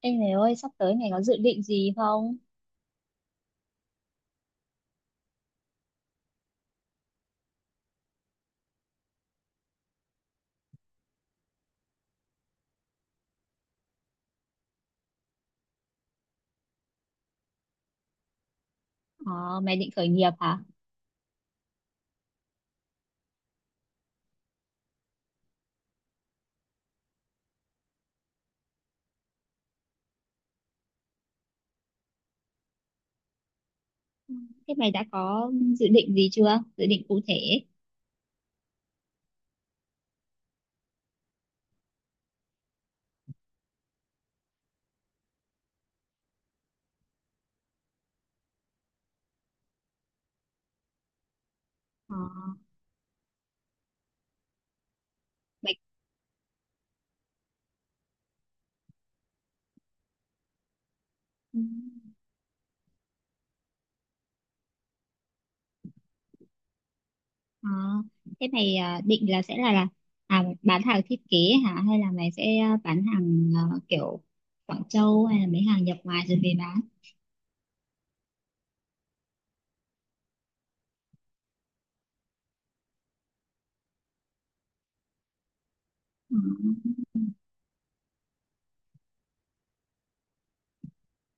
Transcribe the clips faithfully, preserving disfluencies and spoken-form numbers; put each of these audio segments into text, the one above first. Ê mày ơi, sắp tới mày có dự định gì không? Ờ, Mày định khởi nghiệp hả? Ừ. Thế mày đã có dự định gì chưa? Dự định cụ thể. Ờ, mày... ừ, ờ, Thế mày à, định là sẽ là, là à, bán hàng thiết kế hả? Hay là mày sẽ à, bán hàng à, kiểu Quảng Châu hay là mấy hàng nhập ngoài rồi về bán? Ừ.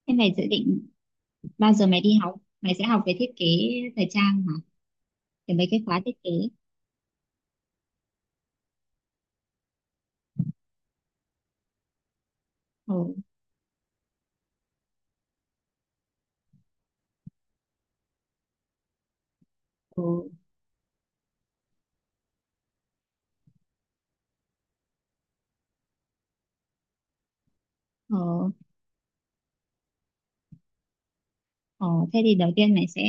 Thế mày dự định bao giờ mày đi học? Mày sẽ học về thiết kế thời trang hả? Thì mấy cái khóa thiết kế. Ồ, ồ, ồ. Ồ, thế thì đầu tiên mày sẽ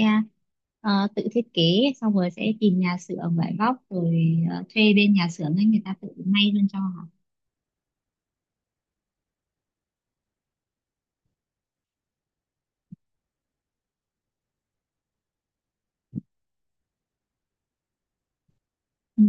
ờ, tự thiết kế xong rồi sẽ tìm nhà xưởng vải vóc rồi ờ, thuê bên nhà xưởng ấy người ta tự may luôn cho hả? Ừ.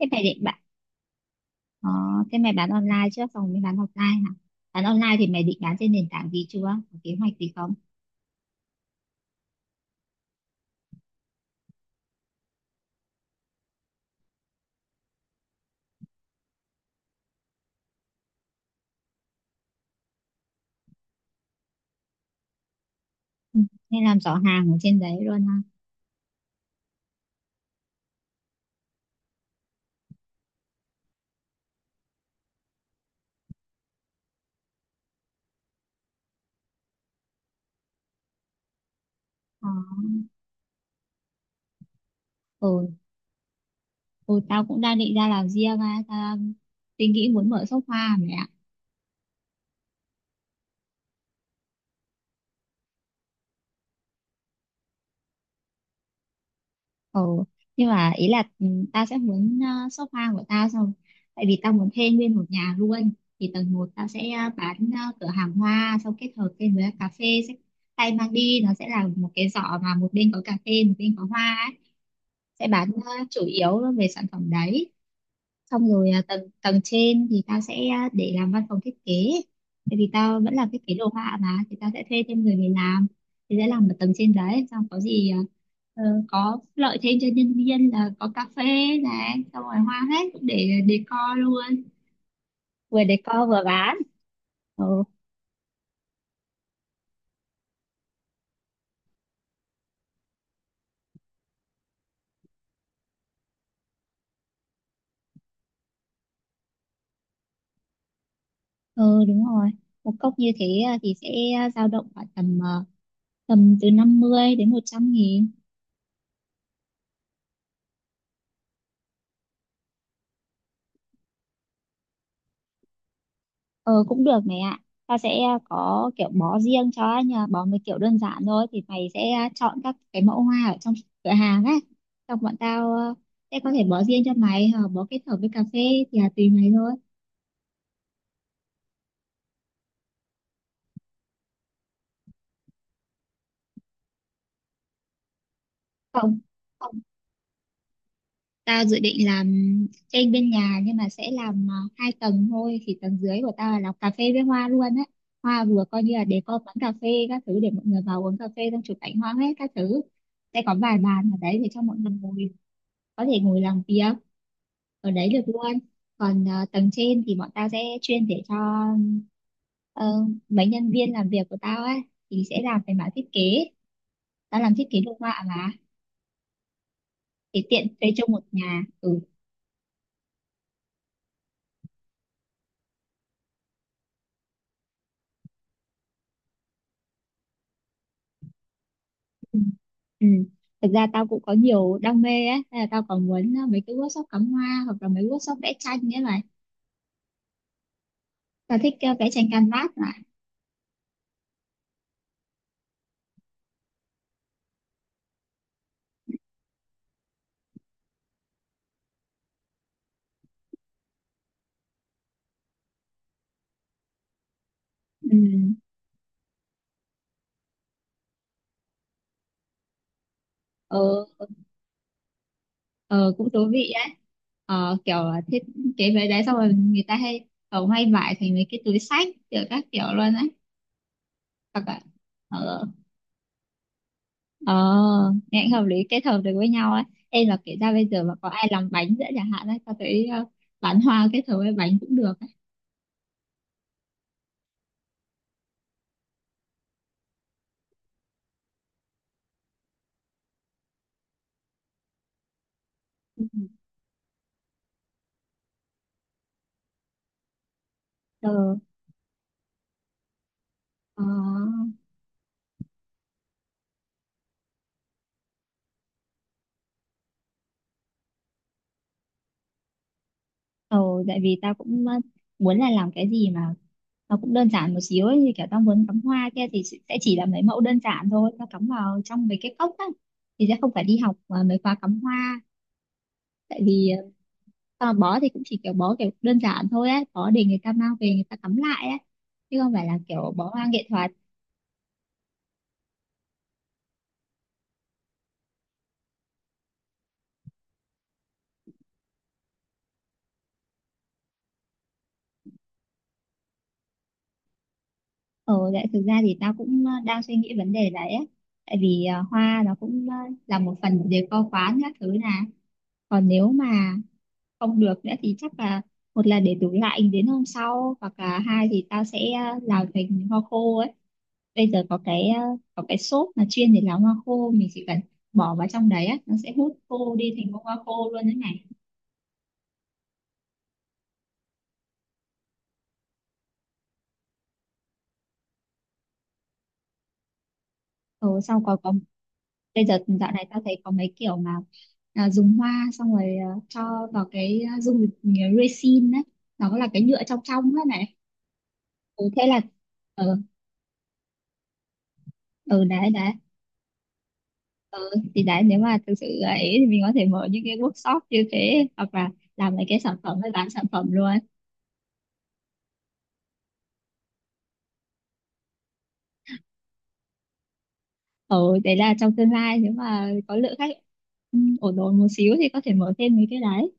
Thế mày định bạn ờ, thế mày bán online trước xong mới bán offline hả? Bán online thì mày định bán trên nền tảng gì chưa? Có kế hoạch gì không? Ừ. Nên làm rõ hàng ở trên đấy luôn ha. Ờ. Ừ. ừ, Tao cũng đang định ra làm riêng á, tao đang suy nghĩ muốn mở shop hoa mẹ. Ừ. Nhưng mà ý là ừ, tao sẽ muốn ờ, sofa của tao xong, tại vì tao muốn thuê nguyên một nhà luôn, thì tầng một tao sẽ ờ, bán ờ, cửa hàng hoa xong kết hợp thêm với cà phê, sẽ tay mang đi nó sẽ là một cái giỏ mà một bên có cà phê một bên có hoa ấy. Sẽ bán ờ, chủ yếu về sản phẩm đấy, xong rồi ờ, tầng tầng trên thì tao sẽ ờ, để làm văn phòng thiết kế, tại vì tao vẫn là thiết kế đồ họa mà, thì tao sẽ thuê thêm người về làm, thì sẽ làm ở tầng trên đấy xong có gì ờ, Ờ, có lợi thêm cho nhân viên là có cà phê này, xong rồi hoa hết để decor luôn, vừa decor vừa bán. ừ, ừ Đúng rồi, một cốc như thế à, thì sẽ dao động khoảng tầm à, tầm từ năm mươi đến một trăm nghìn. Ừ cũng được mày ạ, ta sẽ ờ, có kiểu bó riêng cho nhà, bó mấy kiểu đơn giản thôi, thì mày sẽ ờ, chọn các cái mẫu hoa ở trong cửa hàng ấy, xong bọn tao à, sẽ có thể bó riêng cho mày hoặc bó kết hợp với cà phê, thì là tùy mày thôi. Không, tao dự định làm trên bên nhà nhưng mà sẽ làm à, hai tầng thôi, thì tầng dưới của tao là làm cà phê với hoa luôn á, hoa vừa coi như là để có quán cà phê các thứ để mọi người vào uống cà phê xong chụp ảnh hoa hết các thứ, sẽ có vài bàn ở đấy để cho mọi người ngồi, có thể ngồi làm việc ở đấy được luôn. Còn à, tầng trên thì bọn tao sẽ chuyên để cho ờ, mấy nhân viên làm việc của tao ấy, thì sẽ làm về mảng thiết kế, tao làm thiết kế đồ họa mà, thì tiện thuê chung một nhà. Ừ. Ừ. Thật ra tao cũng có nhiều đam mê á, thế là tao còn muốn ờ, mấy cái workshop cắm hoa hoặc là mấy workshop vẽ tranh, nghĩa là tao thích ờ, vẽ tranh canvas mà. Ừ. Ờ, ờ, Cũng thú vị á. Ờ, kiểu là thiết kế mấy đấy xong rồi người ta hay kiểu may vải thành mấy cái túi xách kiểu các kiểu luôn á. Hoặc là ờ, ờ, nghe cũng hợp lý, kết hợp được với nhau á. Ê, là kể ra bây giờ mà có ai làm bánh nữa chẳng hạn á, tao thấy ờ, bán hoa kết hợp với bánh cũng được á. Ừ. Ờ, ờ. Ừ, tại vì tao cũng ờ, muốn là làm cái gì mà nó cũng đơn giản một xíu ấy, như kiểu tao muốn cắm hoa kia thì sẽ sẽ chỉ là mấy mẫu đơn giản thôi, tao cắm vào trong mấy cái cốc á, thì sẽ không phải đi học ờ, mấy khóa cắm hoa, tại vì ờ, tao bó thì cũng chỉ kiểu bó kiểu đơn giản thôi á, bó để người ta mang về người ta cắm lại á, chứ không phải là kiểu bó hoa nghệ thuật. Ừ, tại thực ra thì tao cũng ờ, đang suy nghĩ vấn đề đấy á, tại vì ờ, hoa nó cũng ờ, là một phần của decor quán các thứ nè, còn nếu mà không được nữa thì chắc là một là để tủ lạnh đến hôm sau hoặc là hai thì tao sẽ ờ, làm thành hoa khô ấy. Bây giờ có cái ờ, có cái xốp mà chuyên để làm hoa khô, mình chỉ cần bỏ vào trong đấy á, nó sẽ hút khô đi thành bông hoa khô luôn đấy này. Ừ, sau còn có, bây giờ dạo này tao thấy có mấy kiểu mà à, dùng hoa xong rồi à, cho vào cái à, dung dịch à, resin đấy, nó là cái nhựa trong trong đó này. ừ, thế là ừ, ừ đấy đấy. Ừ, thì đấy nếu mà thực sự là ý thì mình có thể mở những cái workshop như thế hoặc là làm mấy cái sản phẩm hay bán sản phẩm luôn. Ừ, đấy là trong tương lai nếu mà có lượng khách ừ, ổn ổn một xíu thì có thể mở thêm mấy cái đấy.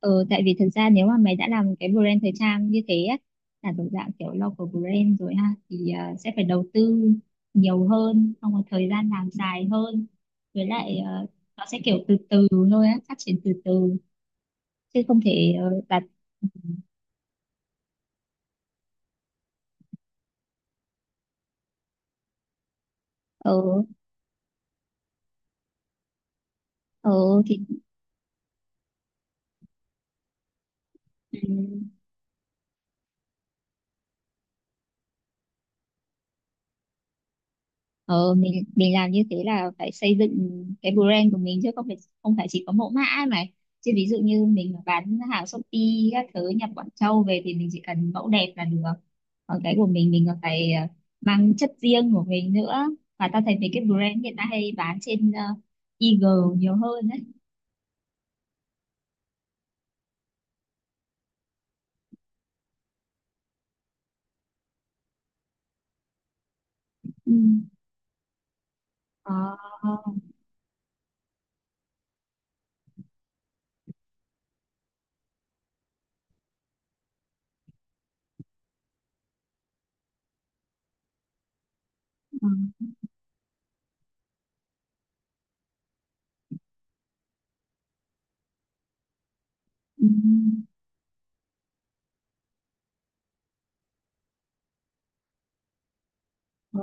Ừ, tại vì thực ra nếu mà mày đã làm cái brand thời trang như thế á, là thuộc dạng kiểu local brand rồi ha, thì ờ, sẽ phải đầu tư nhiều hơn xong rồi thời gian làm dài hơn, với lại ờ, nó sẽ kiểu từ từ thôi á, phát triển từ từ chứ không thể ờ, đặt ừ, ừ, thì Ừ. Ờ, mình mình làm như thế là phải xây dựng cái brand của mình, chứ không phải không phải chỉ có mẫu mã ấy mà, chứ ví dụ như mình mà bán hàng Shopee các thứ nhập Quảng Châu về thì mình chỉ cần mẫu đẹp là được, còn cái của mình mình còn phải ờ, mang chất riêng của mình nữa. Và ta thấy mấy cái brand hiện nay hay bán trên ờ, i giê nhiều hơn đấy. Ừ. Ờ, ờ, ừ. Ờ,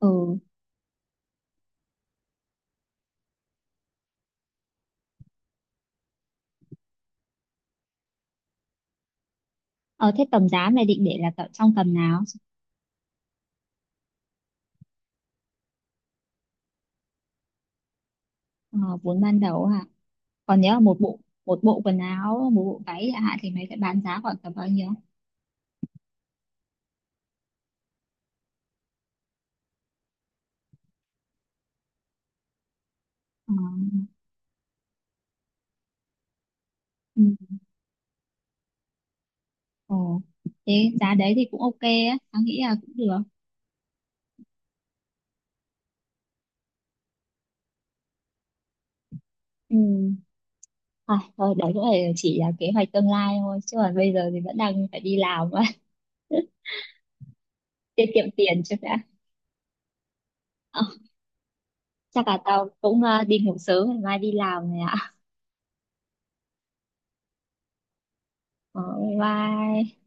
ừ. Ờ, thế tầm giá này định để là tầm- trong tầm nào? Ờ, vốn ban đầu hả? Còn nếu một bộ một bộ quần áo một bộ váy chẳng hạn thì mấy cái bán giá khoảng tầm bao nhiêu? Ờ, ừ. Ồ. Thế giá đấy thì cũng ok á, tao nghĩ là cũng được. Ừ. À, thôi đấy cũng là chỉ là kế hoạch tương lai thôi chứ còn bây giờ thì vẫn đang phải đi làm mà. Tiết kiệm tiền trước đã. Ờ, chắc là tao cũng ờ, đi ngủ sớm ngày mai đi làm này ạ. Ờ, bye bye.